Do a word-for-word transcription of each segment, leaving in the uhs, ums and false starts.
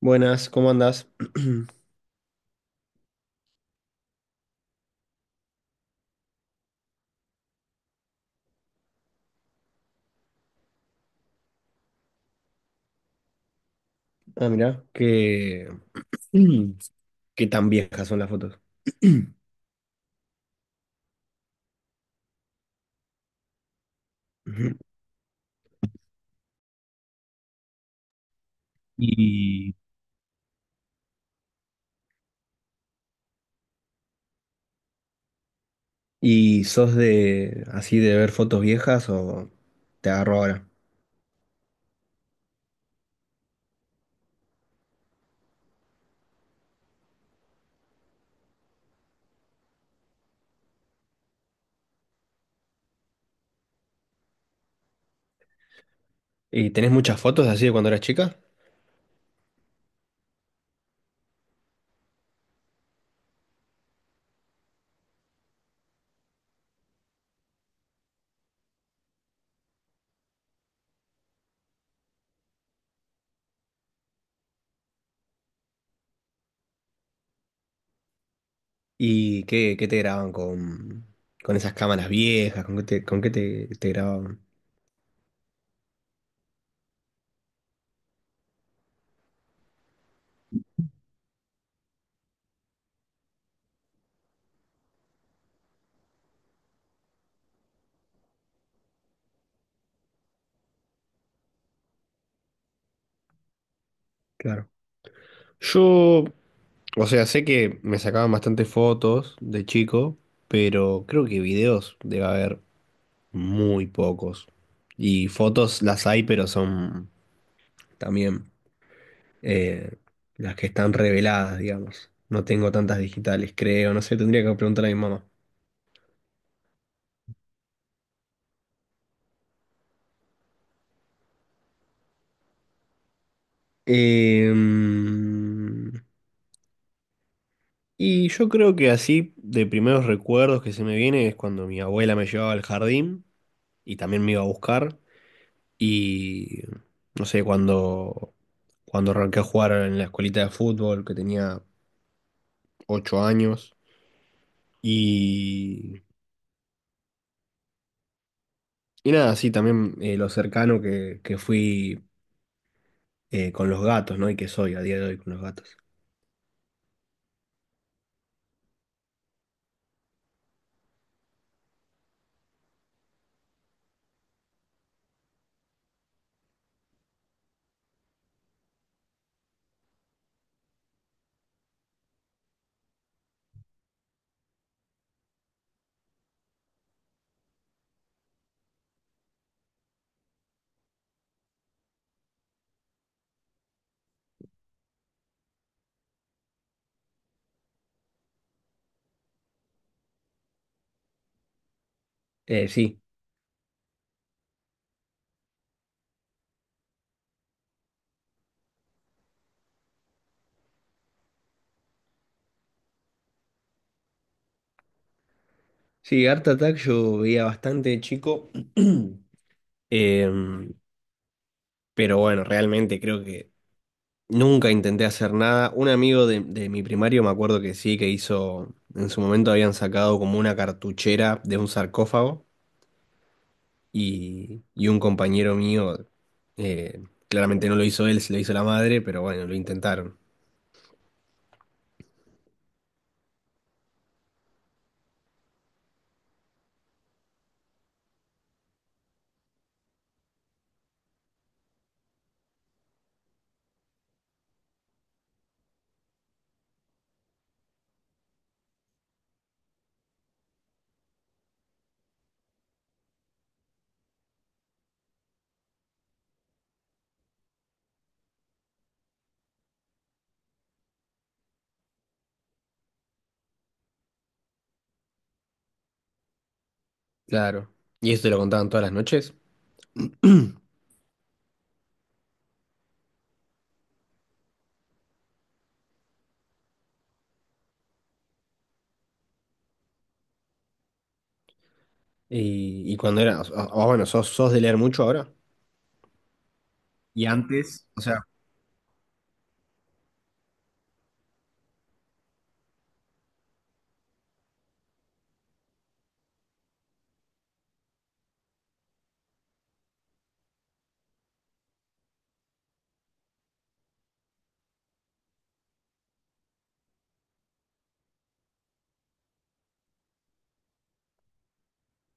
Buenas, ¿cómo andás? Ah, mirá, que qué tan viejas son las fotos. Ujú. ¿Y, y sos de así de ver fotos viejas o te agarro ahora? ¿Y tenés muchas fotos así de cuando eras chica? ¿Y qué, qué te graban con, con esas cámaras viejas? ¿Con qué te, con qué te, te grababan? Claro. Yo, o sea, sé que me sacaban bastantes fotos de chico, pero creo que videos debe haber. Muy pocos. Y fotos las hay, pero son también eh, las que están reveladas, digamos. No tengo tantas digitales, creo. No sé, tendría que preguntar a mi mamá. Em, y yo creo que así, de primeros recuerdos que se me viene es cuando mi abuela me llevaba al jardín y también me iba a buscar. Y no sé, cuando, cuando arranqué a jugar en la escuelita de fútbol, que tenía ocho años. y Y nada, sí, también eh, lo cercano que, que fui eh, con los gatos, ¿no? Y que soy a día de hoy con los gatos. Eh, sí, sí, Art Attack yo veía bastante de chico. em, pero bueno, realmente creo que nunca intenté hacer nada. Un amigo de, de mi primario, me acuerdo que sí, que hizo... En su momento habían sacado como una cartuchera de un sarcófago y, y un compañero mío, eh, claramente no lo hizo él, se lo hizo la madre, pero bueno, lo intentaron. Claro. ¿Y eso te lo contaban todas las noches? Y, y cuando era, o- o- bueno, ¿sos, sos de leer mucho ahora? Y antes, o sea...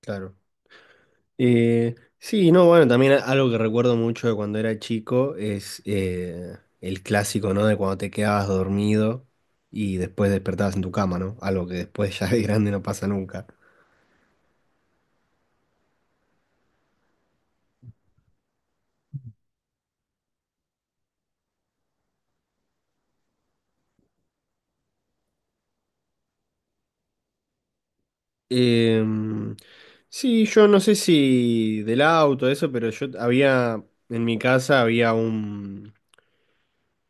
Claro. Eh, sí, no, bueno, también a- algo que recuerdo mucho de cuando era chico es eh, el clásico, ¿no? De cuando te quedabas dormido y después despertabas en tu cama, ¿no? Algo que después ya de grande no pasa nunca. Em, sí, yo no sé si del auto, eso, pero yo había, en mi casa había un,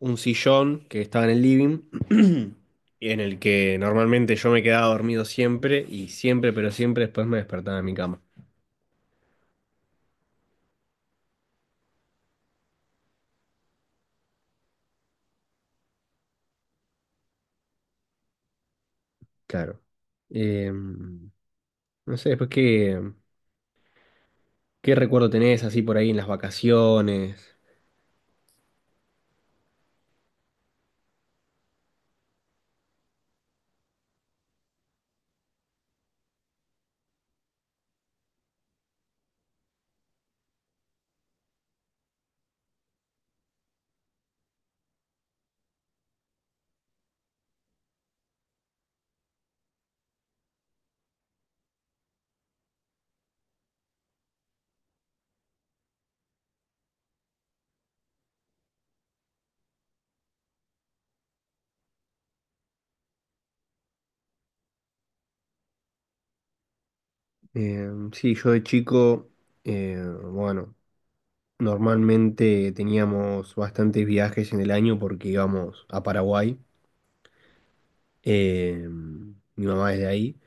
un sillón que estaba en el living, y en el que normalmente yo me quedaba dormido siempre y siempre, pero siempre después me despertaba en mi cama. Claro. Em, no sé, después qué, qué recuerdo tenés así por ahí en las vacaciones. Em, sí, yo de chico, eh, bueno, normalmente teníamos bastantes viajes en el año porque íbamos a Paraguay. eh, Mi mamá es de ahí.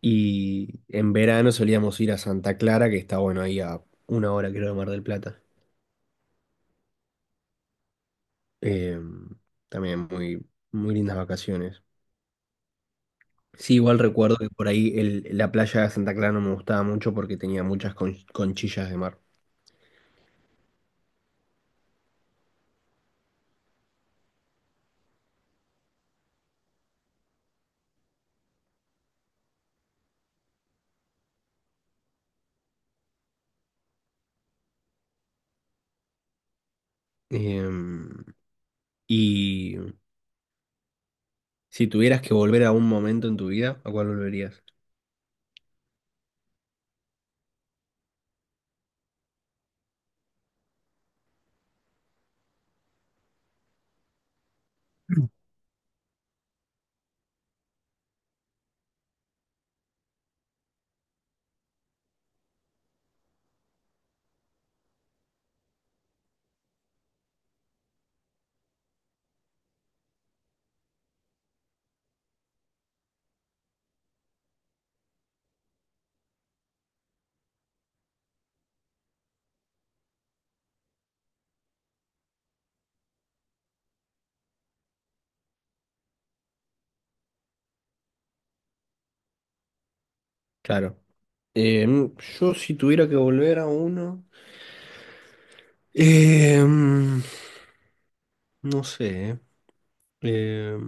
Y en verano solíamos ir a Santa Clara, que está bueno ahí a una hora, creo, de Mar del Plata. Eh, También muy, muy lindas vacaciones. Sí, igual recuerdo que por ahí el- la playa de Santa Clara no me gustaba mucho porque tenía muchas con- conchillas de mar. Eh, y si tuvieras que volver a un momento en tu vida, ¿a cuál volverías? Claro. Em, yo si tuviera que volver a uno, em, no sé. em,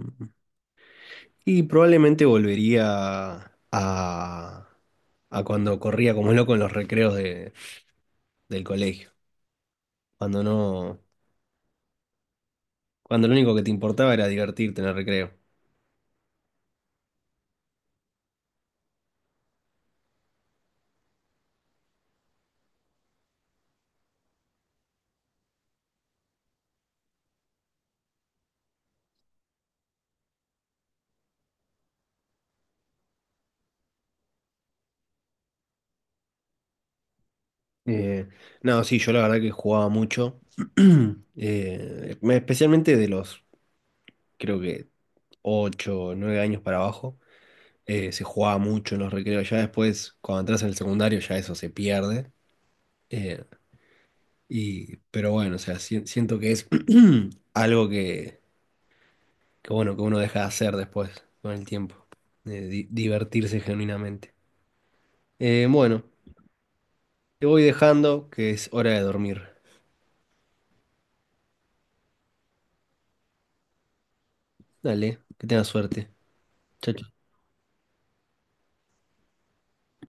y Probablemente volvería a, a cuando corría como loco en los recreos de- del colegio, cuando no, cuando lo único que te importaba era divertirte en el recreo. Eh, no, sí, yo la verdad que jugaba mucho, eh, especialmente de los, creo que ocho o nueve años para abajo. Eh, se jugaba mucho en los recreos. Ya después, cuando entras en el secundario, ya eso se pierde. Eh, y, pero bueno, o sea, si- siento que es algo que, que, bueno, que uno deja de hacer después, con el tiempo. Eh, di- divertirse genuinamente. Eh, bueno, te voy dejando que es hora de dormir. Dale, que tengas suerte. Chao,